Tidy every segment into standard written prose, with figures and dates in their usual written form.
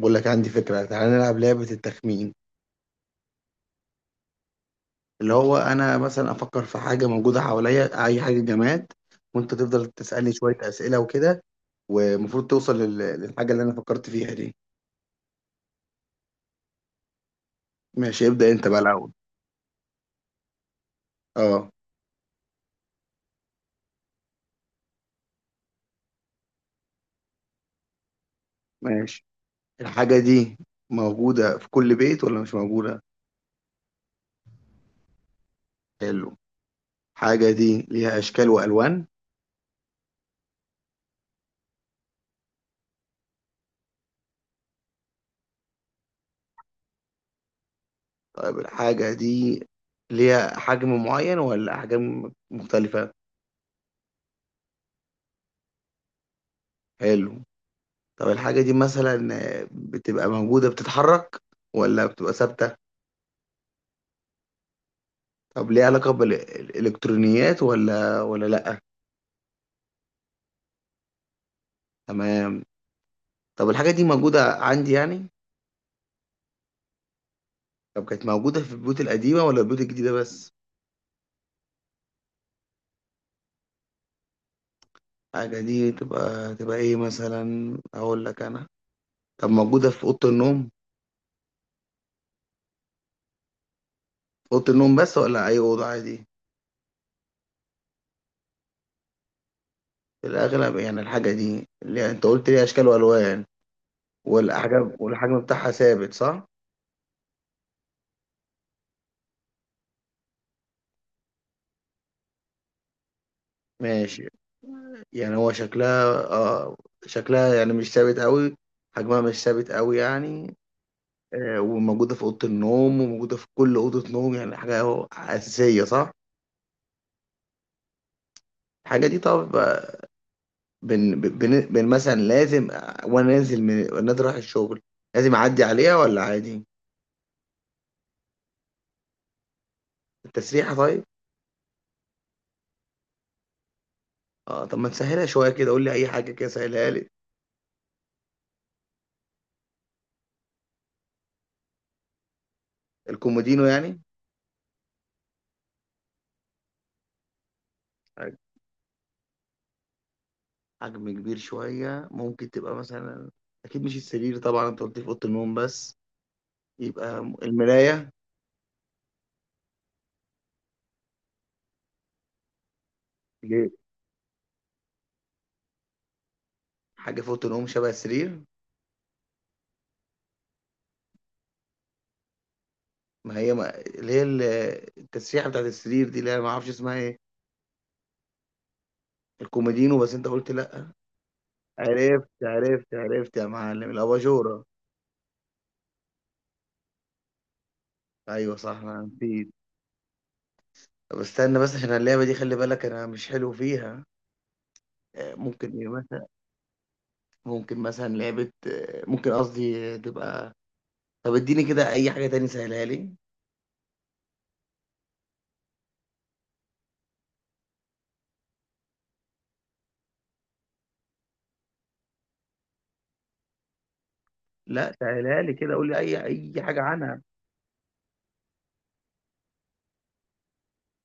بقول لك عندي فكرة، تعالى نلعب لعبة التخمين. اللي هو أنا مثلا أفكر في حاجة موجودة حواليا، أي حاجة جماد، وأنت تفضل تسألني شوية أسئلة وكده، والمفروض توصل للحاجة اللي أنا فكرت فيها دي. ماشي، ابدأ أنت بقى الأول. أه، ماشي. الحاجة دي موجودة في كل بيت ولا مش موجودة؟ حلو. الحاجة دي ليها أشكال وألوان. طيب الحاجة دي ليها حجم معين ولا أحجام مختلفة؟ حلو. طب الحاجة دي مثلا بتبقى موجودة، بتتحرك ولا بتبقى ثابتة؟ طب ليها علاقة بالإلكترونيات ولا لأ؟ تمام. طب الحاجة دي موجودة عندي يعني؟ طب كانت موجودة في البيوت القديمة ولا البيوت الجديدة بس؟ الحاجة دي تبقى إيه مثلا؟ أقول لك أنا. طب موجودة في أوضة النوم؟ في أوضة النوم بس ولا أي أوضة عادي؟ في الأغلب. يعني الحاجة دي اللي أنت قلت ليها أشكال وألوان والحجم بتاعها ثابت، صح؟ ماشي. يعني هو شكلها شكلها يعني مش ثابت قوي، حجمها مش ثابت قوي يعني. وموجودة في أوضة النوم، وموجودة في كل أوضة نوم، يعني حاجة أهو أساسية، صح؟ الحاجة دي، طب، بن, بن, بن مثلا لازم، وأنا نازل رايح الشغل، لازم أعدي عليها ولا عادي؟ التسريحة، طيب؟ اه، طب ما تسهلها شوية كده، قول لي أي حاجة كده سهلها لي. الكومودينو يعني. حجم كبير شوية، ممكن تبقى مثلا، أكيد مش السرير طبعا، أنت قلت لي في أوضة النوم بس. يبقى المراية. اللي حاجة فوق تنقوم شبه السرير. ما هي ما اللي هي ال- التسريحة بتاعت السرير دي اللي أنا ما أعرفش اسمها إيه. الكوميدينو، بس أنت قلت لأ. عرفت عرفت عرفت يا معلم، الأباجورة. أيوه صح، أنا نسيت. طب استنى بس، عشان اللعبة دي خلي بالك أنا مش حلو فيها. ممكن إيه مثلا؟ ممكن مثلا لعبة، ممكن قصدي، تبقى. طب اديني كده أي حاجة تاني سهلها لي. لا، سهلها لي كده، قول لي أي حاجة عنها.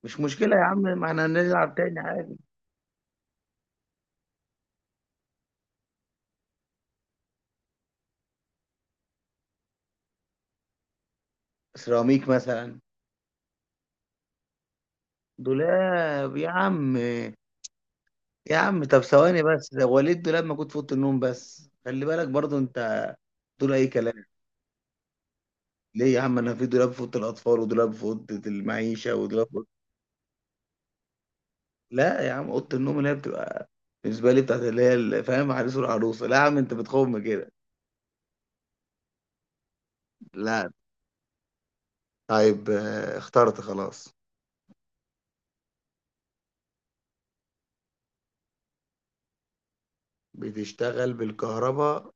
مش مشكلة يا عم، ما احنا هنلعب تاني عادي. سيراميك مثلا. دولاب يا عم. يا عم طب ثواني بس، ده وليد دولاب موجود في اوضه النوم بس، خلي بالك برضو انت تقول اي كلام. ليه يا عم؟ انا في دولاب في اوضه الاطفال، ودولاب في اوضه المعيشه، ودولاب في... لا يا عم، اوضه النوم اللي هي بتبقى بالنسبه لي بتاعت اللي هي فاهم، عريس والعروسه. لا يا عم انت بتخم كده. لا. طيب، اخترت خلاص. بتشتغل بالكهرباء.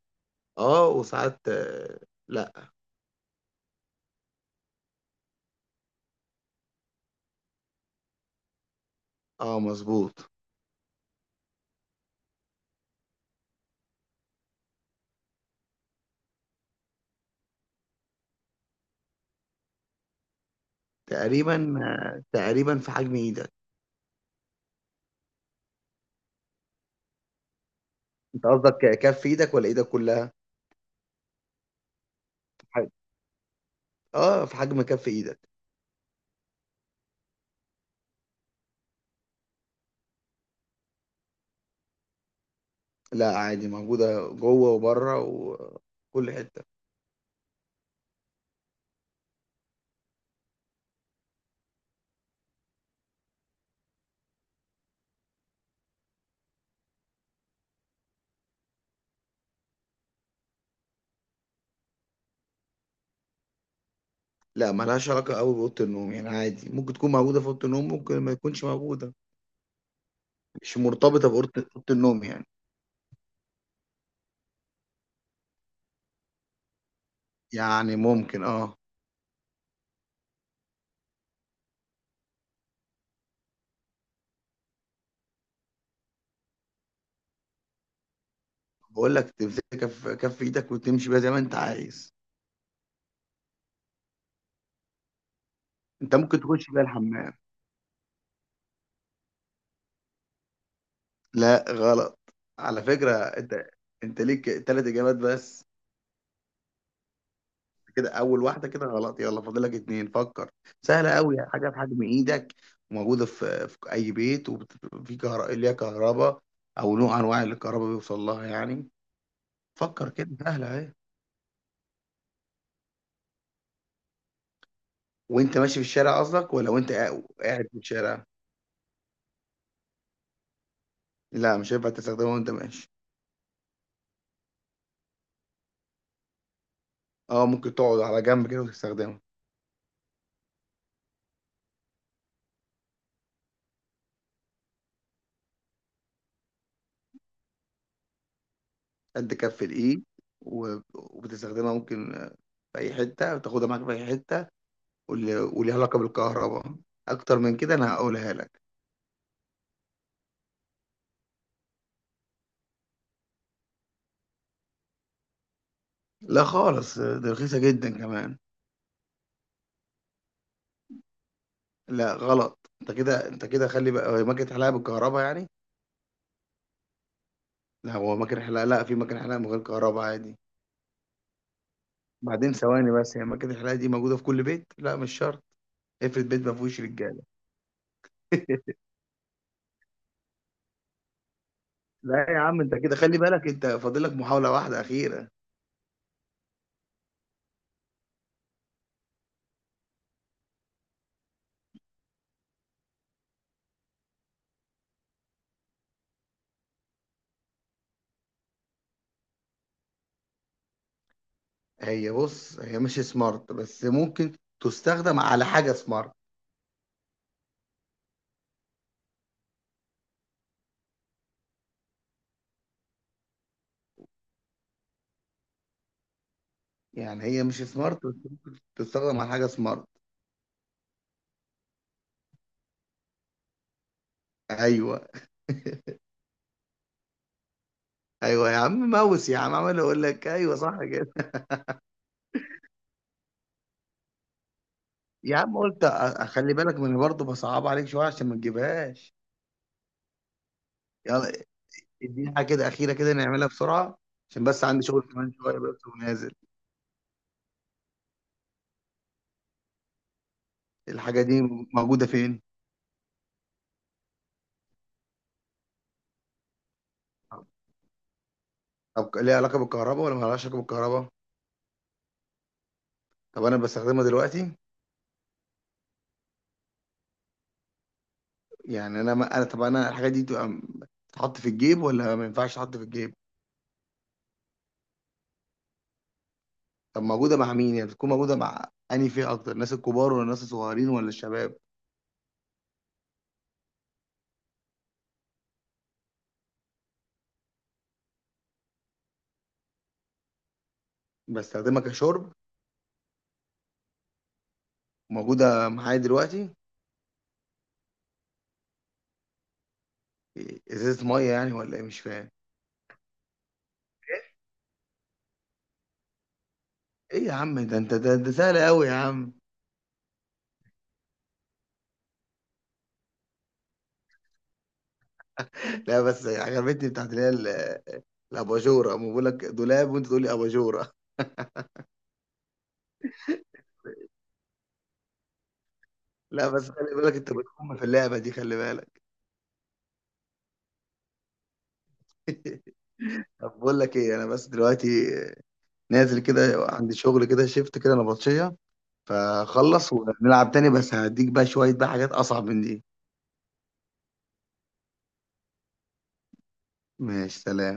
اه، وساعات لا. اه مظبوط. تقريبا، تقريبا في حجم ايدك. انت قصدك كف ايدك ولا ايدك كلها؟ في حجم، اه في حجم كف ايدك. لا عادي، موجوده جوه وبره وكل حته. لا ملهاش علاقه قوي باوضه النوم، يعني عادي، ممكن تكون موجوده في اوضه النوم، ممكن ما تكونش موجوده. مش مرتبطه أوضة النوم يعني. يعني ممكن، اه. بقول لك تمسكها في كف ايدك وتمشي بيها زي ما انت عايز، انت ممكن تخش بيها الحمام. لا غلط. على فكره انت، انت ليك ثلاث اجابات بس. كده اول واحده كده غلط، يلا فاضلك اتنين، فكر. سهله قوي، حاجه بحجم ايدك، وموجوده في اي بيت، وفي كهرباء، ليها كهرباء، او نوع انواع اللي الكهرباء بيوصل لها يعني. فكر كده سهله اهي. وانت ماشي في الشارع قصدك، ولا وانت قاعد في الشارع؟ لا مش هينفع تستخدمها وانت ماشي. اه، ممكن تقعد على جنب كده وتستخدمها. قد كف الايد. و- وبتستخدمها ممكن في اي حته، وتاخدها معاك في اي حته، وليها علاقه بالكهرباء. اكتر من كده انا هقولها لك. لا خالص، دي رخيصة جدا كمان. لا غلط. انت كده، انت كده، خلي بقى، هو ماكينة حلاقة بالكهرباء يعني. لا هو ماكينة حلاقة، لا في ماكينة حلاقة من غير كهرباء عادي. بعدين ثواني بس، هي ماكينة الحلاقة دي موجودة في كل بيت؟ لا مش شرط، افرض بيت ما فيهوش رجالة. لا يا عم انت كده خلي بالك، انت فاضلك محاولة واحدة أخيرة. هي بص، هي مش سمارت بس ممكن تستخدم على حاجة سمارت. يعني هي مش سمارت بس ممكن تستخدم على حاجة سمارت. ايوه. ايوه يا عم ماوس، يا عم عمال اقول لك ايوه صح كده. يا عم قلت اخلي بالك من برضه، بصعب عليك شويه عشان ما تجيبهاش. يلا، اديني حاجه كده اخيره كده نعملها بسرعه، عشان بس عندي شغل كمان شويه بس ونازل. الحاجه دي موجوده فين؟ طب ليها علاقه بالكهرباء ولا ما لهاش علاقه بالكهرباء؟ طب انا بستخدمها دلوقتي؟ يعني انا ما انا طب انا الحاجه دي تبقى تتحط في الجيب ولا ما ينفعش تتحط في الجيب؟ طب موجوده مع مين يعني، بتكون موجوده مع انهي فئه اكتر، الناس الكبار ولا الناس الصغيرين ولا الشباب؟ بستخدمها كشرب؟ موجوده معايا دلوقتي؟ ازازه ميه يعني ولا ايه مش فاهم؟ ايه يا عم ده، انت ده سهل قوي يا عم. لا بس عجبتني بتاعت اللي هي الاباجوره، أما بقول لك دولاب وانت تقول لي اباجوره. لا بس خلي بالك انت بتقوم في اللعبه دي، خلي بالك. طب بقول لك ايه، انا بس دلوقتي نازل كده، عندي شغل كده، شيفت كده نبطشيه، فخلص ونلعب تاني، بس هديك بقى شويه بقى حاجات اصعب من دي. ماشي، سلام.